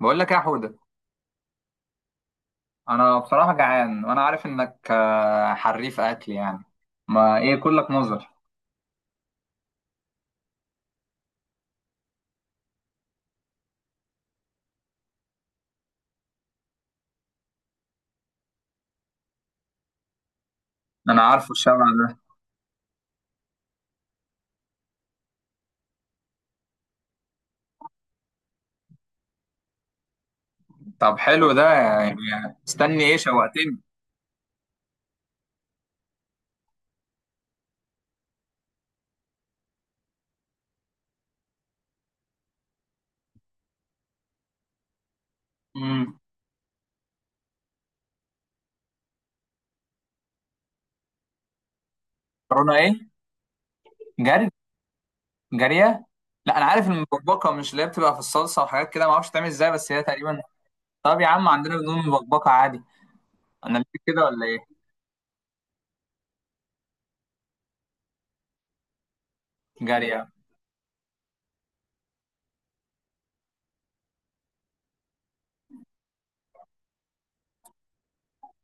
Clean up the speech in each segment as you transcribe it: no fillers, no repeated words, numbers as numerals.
بقول لك إيه يا حودة. انا بصراحة جعان وانا عارف انك حريف اكل يعني. ما ايه كلك نظر. انا عارفه الشبع ده. طب حلو ده يعني. استني ايه، شوقتني. امم مكرونة ايه؟ جري؟ جارية؟ لا انا عارف المبكبكة، مش اللي هي بتبقى في الصلصة وحاجات كده؟ ما اعرفش بتعمل ازاي، بس هي تقريبا. طب يا عم عندنا بنقول مبكبكة عادي. انا ليه كده ولا ايه؟ جارية.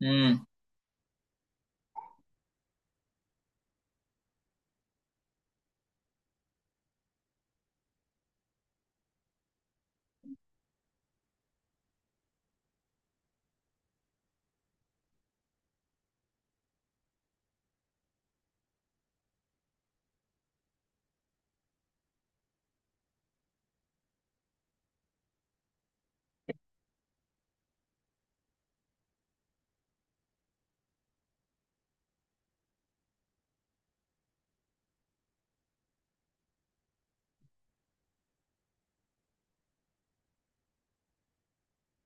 امم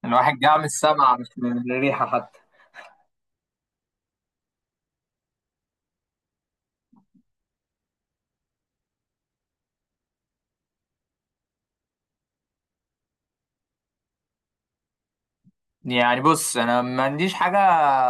الواحد جاع من السمع مش من الريحة حتى. يعني بص، انا ما عنديش حاجه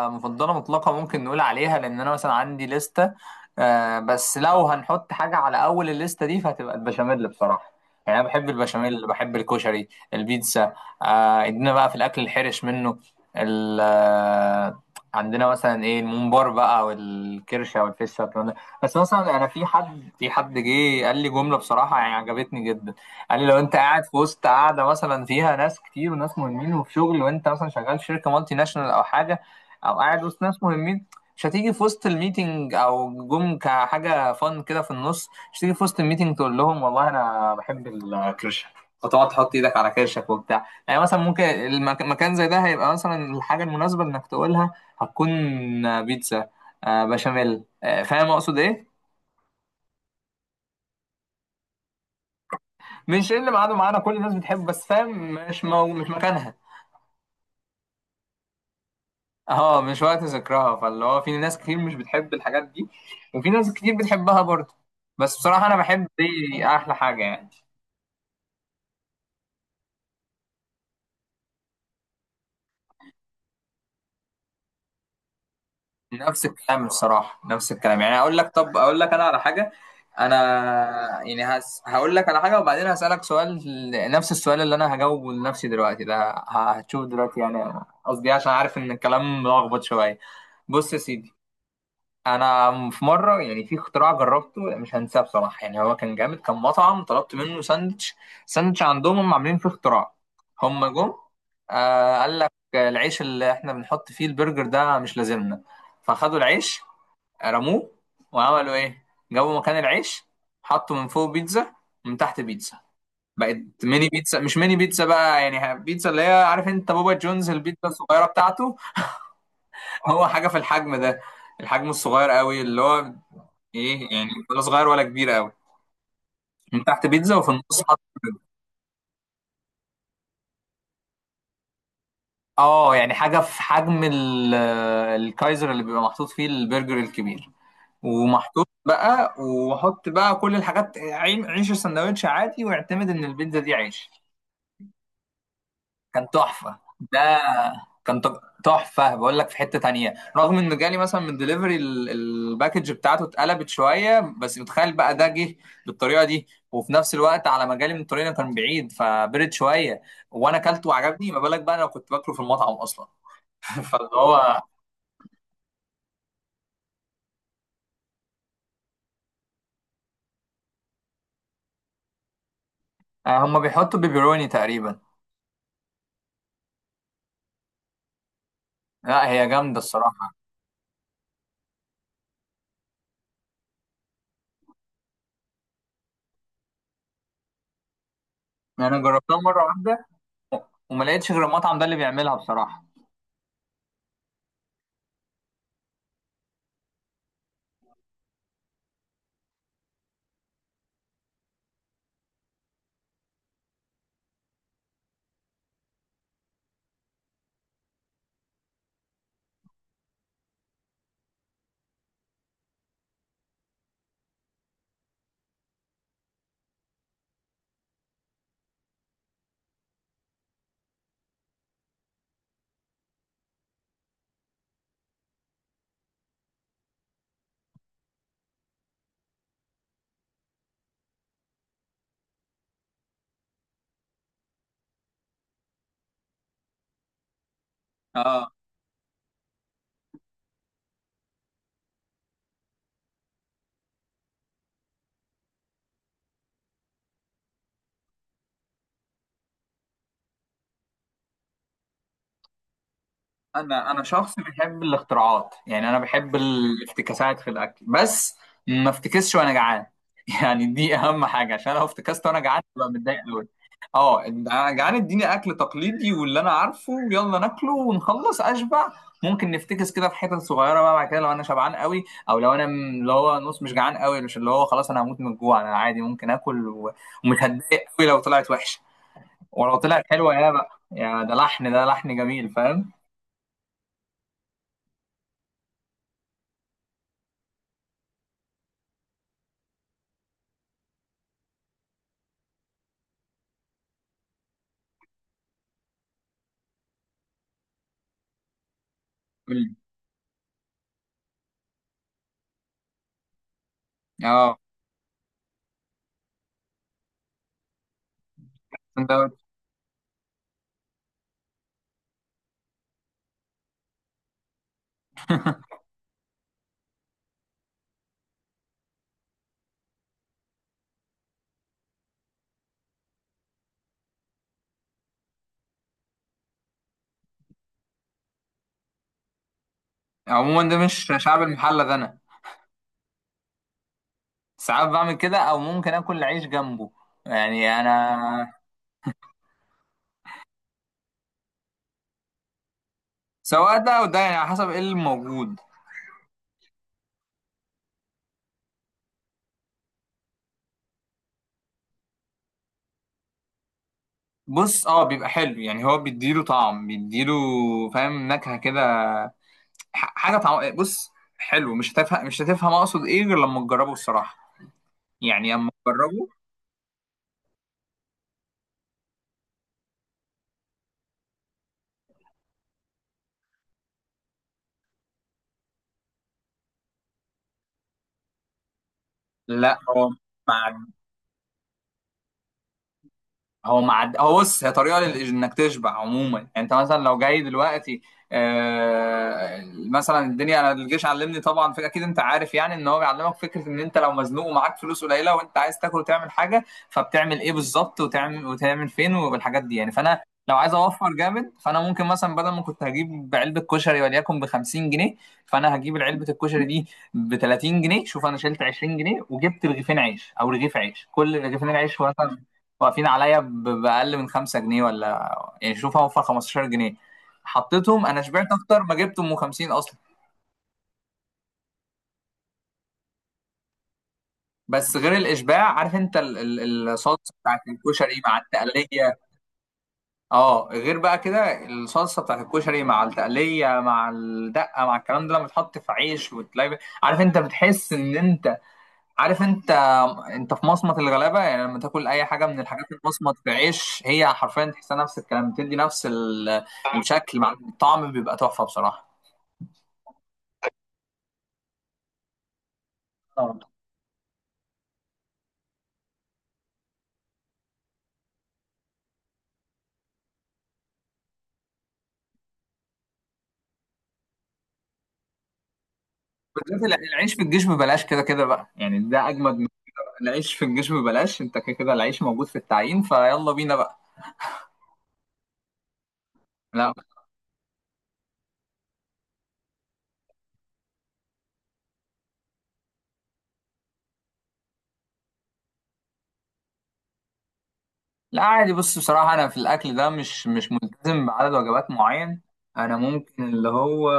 مفضله مطلقه ممكن نقول عليها، لان انا مثلا عندي لسته. آه بس لو هنحط حاجه على اول الليسته دي فهتبقى البشاميل بصراحه. يعني انا بحب البشاميل، بحب الكشري، البيتزا. آه، ادينا بقى في الاكل الحرش منه. ال آه، عندنا مثلا ايه الممبار بقى والكرشه والفشه والكلام ده. بس مثلا انا في حد جه قال لي جمله بصراحه يعني عجبتني جدا. قال لي لو انت قاعد في وسط قاعده مثلا فيها ناس كتير وناس مهمين وفي شغل، وانت مثلا شغال في شركه مالتي ناشونال او حاجه، او قاعد وسط ناس مهمين، مش هتيجي في وسط الميتنج او جم كحاجه فن كده في النص، مش هتيجي في وسط الميتنج تقول لهم والله انا بحب الكرشه، وتقعد تحط ايدك على كرشك وبتاع. يعني مثلا ممكن مكان زي ده هيبقى مثلا الحاجه المناسبه انك تقولها هتكون بيتزا، بشاميل. فاهم اقصد ايه؟ مش ايه اللي معانا، كل الناس بتحبه، بس فاهم مش مش مكانها. اه مش وقت ذكرها، فاللي هو في ناس كتير مش بتحب الحاجات دي، وفي ناس كتير بتحبها برضه. بس بصراحة أنا بحب دي أحلى حاجة يعني. نفس الكلام الصراحة، نفس الكلام. يعني أقول لك، طب أقول لك أنا على حاجة. أنا يعني هقول لك على حاجة وبعدين هسألك سؤال، نفس السؤال اللي أنا هجاوبه لنفسي دلوقتي ده. هتشوف دلوقتي يعني قصدي إيه، عشان عارف إن الكلام ملخبط شوية. بص يا سيدي، انا في مره يعني في اختراع جربته يعني مش هنساه بصراحه. يعني هو كان جامد، كان مطعم طلبت منه ساندوتش. ساندوتش عندهم هم عاملين فيه اختراع. هم جم، آه، قال لك العيش اللي احنا بنحط فيه البرجر ده مش لازمنا. فخدوا العيش، رموه، وعملوا ايه؟ جابوا مكان العيش حطوا من فوق بيتزا ومن تحت بيتزا، بقت ميني بيتزا. مش ميني بيتزا بقى، يعني بيتزا اللي هي عارف انت بابا جونز، البيتزا الصغيره بتاعته. هو حاجه في الحجم ده، الحجم الصغير قوي اللي هو ايه يعني، ولا صغير ولا كبير قوي. من تحت بيتزا وفي النص حط برجر. اه يعني حاجة في حجم الكايزر اللي بيبقى محطوط فيه البرجر الكبير، ومحطوط بقى وحط بقى كل الحاجات عيش السندوتش عادي، واعتمد ان البيتزا دي عيش. كان تحفه ده. كان تحفه. بقول لك في حته تانية، رغم انه جالي مثلا من دليفري الباكج بتاعته اتقلبت شويه، بس متخيل بقى ده جه بالطريقه دي، وفي نفس الوقت على ما جالي من الطريق كان بعيد فبرد شويه، وانا اكلته وعجبني. ما بالك بقى انا كنت باكله في المطعم اصلا. فاللي هو، هم بيحطوا بيبروني تقريبا. لا هي جامده الصراحه. يعني انا جربتها مره واحده، وما لقيتش غير المطعم ده اللي بيعملها بصراحه. اه انا شخص بيحب الاختراعات. يعني انا بحب الافتكاسات في الاكل، بس ما افتكسش وانا جعان. يعني دي اهم حاجه، عشان لو افتكست وانا جعان ببقى متضايق قوي. اه أنا جعان اديني اكل تقليدي واللي انا عارفه، ويلا ناكله ونخلص اشبع. ممكن نفتكس كده في حتت صغيره بقى بعد كده لو انا شبعان قوي، او لو انا اللي هو نص مش جعان قوي، مش اللي هو خلاص انا هموت من الجوع. انا عادي ممكن اكل ومش هتضايق قوي لو طلعت وحشه. ولو طلعت حلوه يا بقى يا ده لحن، ده لحن جميل، فاهم. اه سندوتش. عموما ده مش شعب المحلة، ده انا ساعات بعمل كده، او ممكن اكل عيش جنبه. يعني انا سواء ده او ده، يعني على حسب ايه الموجود. بص اه بيبقى حلو، يعني هو بيديله طعم، بيديله فاهم نكهة كده، حاجة طعم. بص حلو مش هتفهم، مش هتفهم اقصد ايه غير لما تجربه الصراحة. يعني اما تجربه. لا اه هو معد، هو بص هي طريقه انك تشبع عموما. يعني انت مثلا لو جاي دلوقتي، آه مثلا الدنيا، انا الجيش علمني طبعا، في اكيد انت عارف يعني ان هو بيعلمك فكره ان انت لو مزنوق ومعاك فلوس قليله وانت عايز تاكل وتعمل حاجه، فبتعمل ايه بالظبط، وتعمل، وتعمل فين، والحاجات دي يعني. فانا لو عايز اوفر جامد، فانا ممكن مثلا بدل ما كنت هجيب علبه كشري وليكن ب 50 جنيه، فانا هجيب علبه الكشري دي ب 30 جنيه. شوف انا شلت 20 جنيه وجبت رغيفين عيش، او رغيف عيش، كل رغيفين العيش مثلا واقفين عليا بأقل من 5 جنيه ولا يعني. شوف هوفر 15 جنيه حطيتهم، أنا شبعت أكتر ما جبتهم 50 أصلا. بس غير الإشباع، عارف أنت الصلصة بتاعت الكشري مع التقلية؟ أه غير بقى كده الصلصة بتاعت الكشري مع التقلية مع الدقة مع الكلام ده لما تحط في عيش وتلاقي، عارف أنت بتحس إن أنت، عارف انت، انت في مصمت الغلابه. يعني لما تاكل اي حاجه من الحاجات في مصمت في عيش، هي حرفيا تحسها نفس الكلام، بتدي نفس الشكل، مع الطعم بيبقى تحفه بصراحه طبعا. بالذات العيش في الجيش ببلاش كده كده بقى، يعني ده اجمد من العيش في الجيش ببلاش. انت كده كده العيش موجود في التعيين، فيلا بينا بقى. لا لا عادي. بص بصراحه انا في الاكل ده مش، ملتزم بعدد وجبات معين. انا ممكن اللي هو،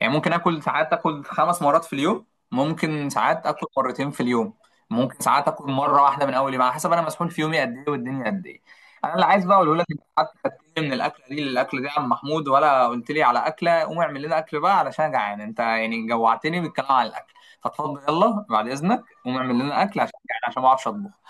يعني ممكن اكل ساعات اكل 5 مرات في اليوم، ممكن ساعات اكل مرتين في اليوم، ممكن ساعات اكل مره واحده من اول يوم، على حسب انا مسحول في يومي قد ايه والدنيا قد ايه. انا اللي عايز بقى اقوله لك، انت قعدت تتكلم من الاكله دي للاكله دي يا عم محمود، ولا قلت لي على اكله؟ قوم اعمل لنا اكل بقى علشان أنا جعان، انت يعني جوعتني بالكلام على الاكل. فاتفضل يلا بعد اذنك قوم اعمل لنا اكل عشان جعان، عشان ما اعرفش اطبخ.